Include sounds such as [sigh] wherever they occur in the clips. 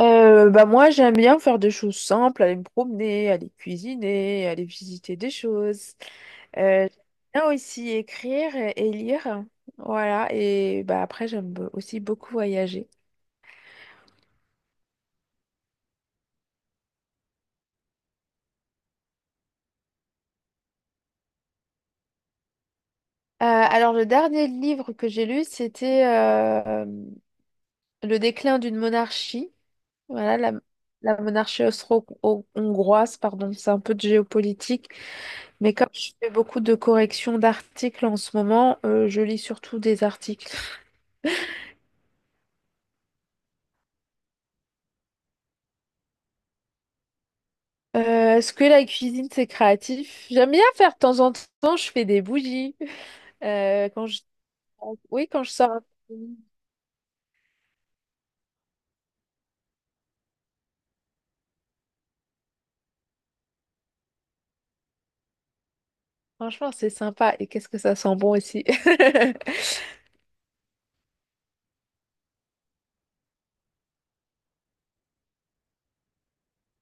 Bah moi j'aime bien faire des choses simples, aller me promener, aller cuisiner, aller visiter des choses. J'aime bien aussi écrire et lire. Voilà, et bah après aussi beaucoup voyager. Alors le dernier livre que j'ai lu, c'était Le déclin d'une monarchie. Voilà, la monarchie austro-hongroise, pardon, c'est un peu de géopolitique. Mais comme je fais beaucoup de corrections d'articles en ce moment, je lis surtout des articles. Est-ce que la cuisine, c'est créatif? J'aime bien faire de temps en temps, je fais des bougies. Euh, quand je... Oui, quand je sors. Franchement, c'est sympa. Et qu'est-ce que ça sent bon aussi. [laughs]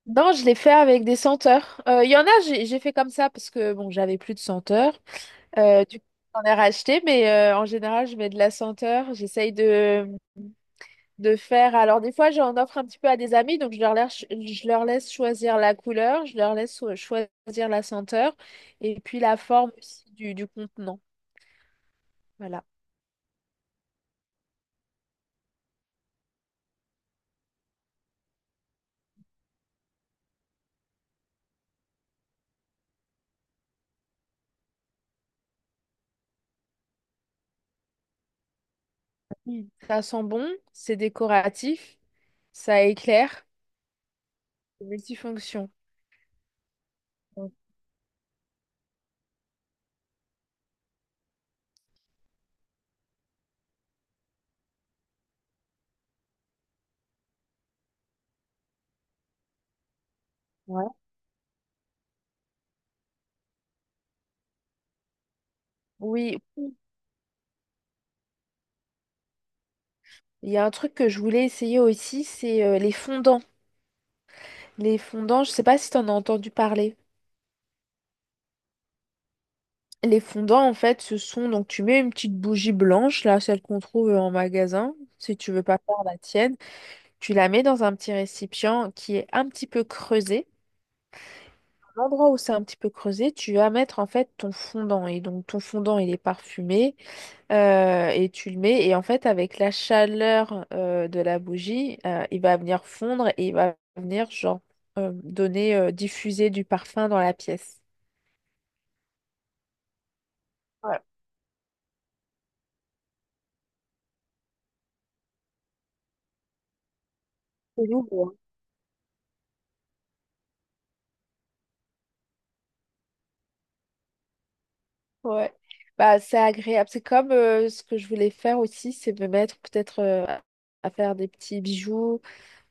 Non, je l'ai fait avec des senteurs. Il y en a, j'ai fait comme ça parce que bon, j'avais plus de senteur. Du coup, j'en ai racheté, mais en général, je mets de la senteur. De faire. Alors, des fois, j'en offre un petit peu à des amis, je leur laisse choisir la couleur, je leur laisse choisir la senteur et puis la forme aussi du contenant. Voilà. Mm. Ça sent bon, c'est décoratif, ça éclaire, c'est multifonction. Donc, Ouais. Oui, il y a un truc que je voulais essayer aussi, c'est les fondants. Les fondants, je sais pas si tu en as entendu parler. Les fondants, en fait, ce sont donc tu mets une petite bougie blanche, là, celle qu'on trouve en magasin, si tu veux pas faire la tienne, tu la mets dans un petit récipient qui est un petit peu creusé. À l'endroit où c'est un petit peu creusé, tu vas mettre en fait ton fondant. Et donc ton fondant, il est parfumé et tu le mets. Et en fait, avec la chaleur de la bougie, il va venir fondre et il va venir genre diffuser du parfum dans la pièce. Ouais. C'est lourd. Ouais. Bah, c'est agréable. C'est comme ce que je voulais faire aussi, c'est me mettre peut-être à faire des petits bijoux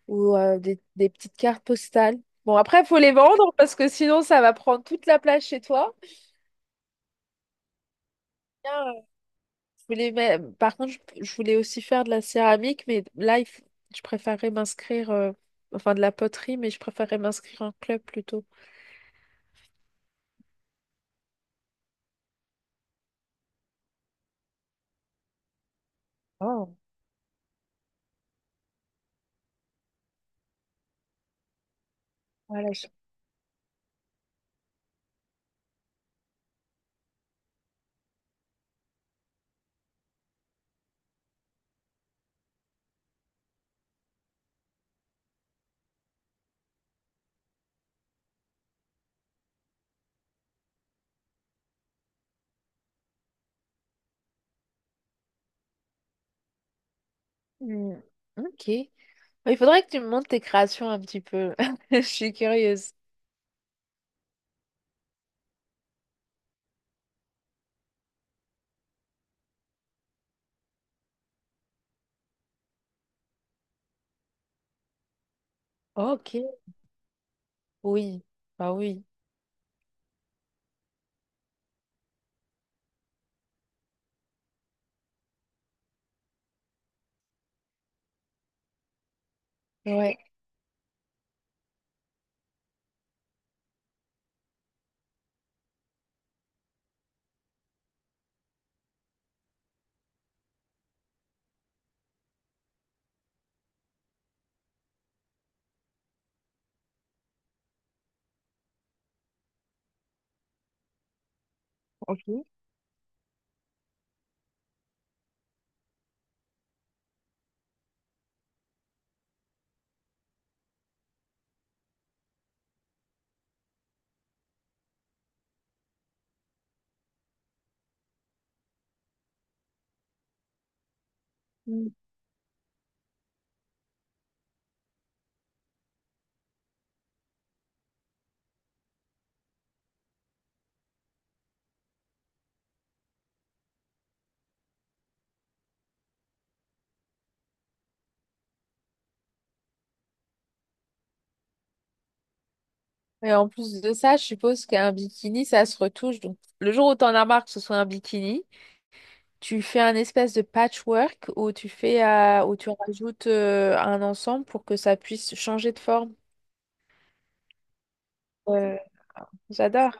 ou des petites cartes postales. Bon, après, il faut les vendre parce que sinon, ça va prendre toute la place chez toi. Bien, je voulais mais par contre, je voulais aussi faire de la céramique, je préférerais m'inscrire, enfin de la poterie, mais je préférerais m'inscrire en club plutôt. Oh. Voilà. je- Hmm, Ok. Il faudrait que tu me montres tes créations un petit peu. [laughs] Je suis curieuse. Ok, Oui, bah oui, ouais. Ok. Mm. Et en plus de ça, je suppose qu'un bikini, ça se retouche. Donc, le jour où tu en as marre que ce soit un bikini, tu fais un espèce de patchwork où tu fais, où tu rajoutes un ensemble pour que ça puisse changer de forme. Euh, J'adore.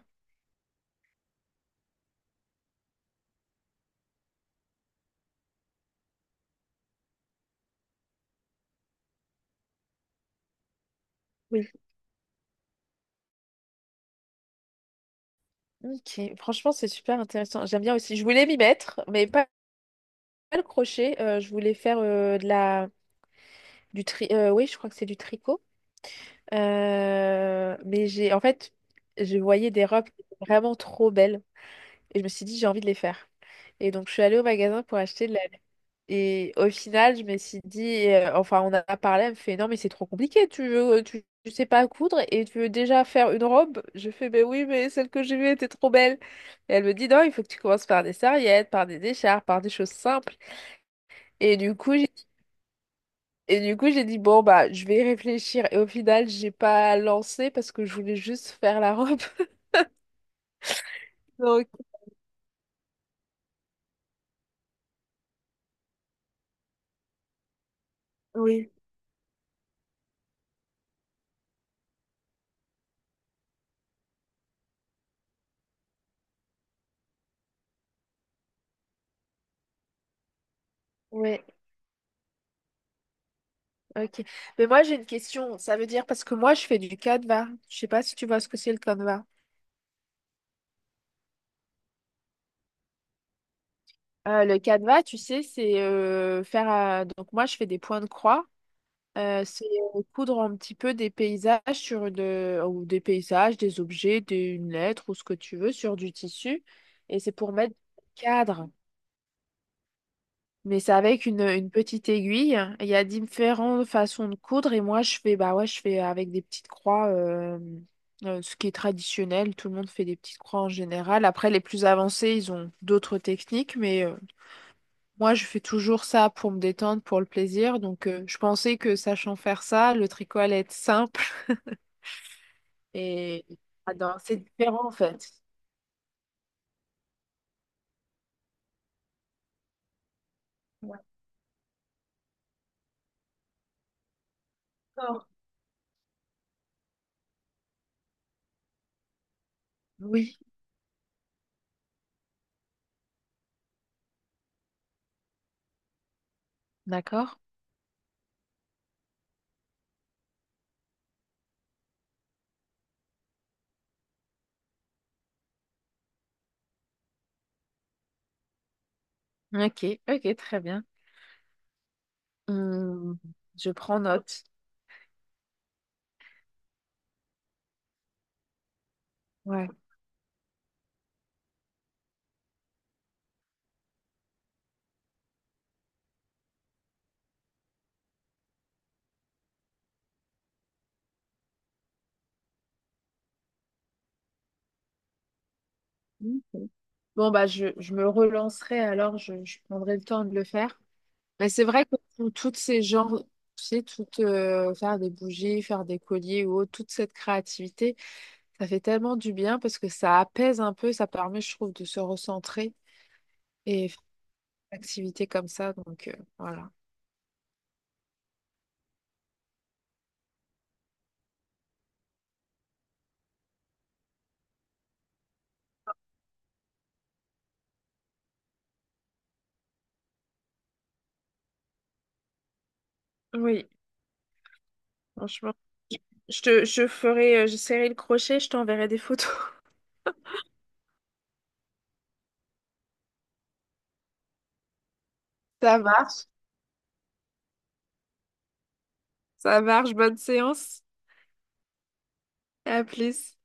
Oui. Ok. Franchement, c'est super intéressant. J'aime bien aussi. Je voulais m'y mettre, mais pas, Pas le crochet. Je voulais faire de la, du tri. Oui, je crois que c'est du tricot. En fait, je voyais des robes vraiment trop belles et je me suis dit, j'ai envie de les faire. Et donc, je suis allée au magasin pour acheter de la... Et au final, je me suis dit, enfin, on a parlé, elle me fait, non, mais c'est trop compliqué, tu sais pas coudre et tu veux déjà faire une robe. Je fais, ben oui, mais celle que j'ai vue était trop belle. Et elle me dit, non, il faut que tu commences par des serviettes, par des écharpes, par des choses simples. Et du coup, et du coup, j'ai dit, bon, bah, je vais réfléchir. Et au final, j'ai pas lancé parce que je voulais juste faire la robe. [laughs] Donc, Oui, oui, ok. Mais moi, j'ai une question. Ça veut dire, parce que moi, je fais du canevas. Je sais pas si tu vois ce que c'est le canevas. Le canevas, tu sais, c'est faire. Donc, moi, je fais des points de croix. C'est Coudre un petit peu des paysages sur de, ou des paysages, des objets, une lettre ou ce que tu veux sur du tissu. Et c'est pour mettre des cadres. Mais c'est avec une petite aiguille. Il y a différentes façons de coudre et moi je fais bah ouais je fais avec des petites croix, ce qui est traditionnel. Tout le monde fait des petites croix en général. Après les plus avancés ils ont d'autres techniques, mais moi je fais toujours ça pour me détendre, pour le plaisir. Je pensais que sachant faire ça, le tricot allait être simple et ah non, c'est différent en fait. D'accord. Oui, d'accord. Ok, ok, très bien. Hum, je prends note. Ouais. Bon, bah, je me relancerai alors, je prendrai le temps de le faire. Mais c'est vrai que toutes ces genres, tu sais, tout, faire des bougies, faire des colliers ou autre, toute cette créativité, ça fait tellement du bien parce que ça apaise un peu, ça permet, je trouve, de se recentrer et faire des activités comme ça. Voilà. Oui, franchement. Je ferai, j'essaierai le crochet, je t'enverrai des photos. [laughs] Ça marche, ça marche, bonne séance. À plus.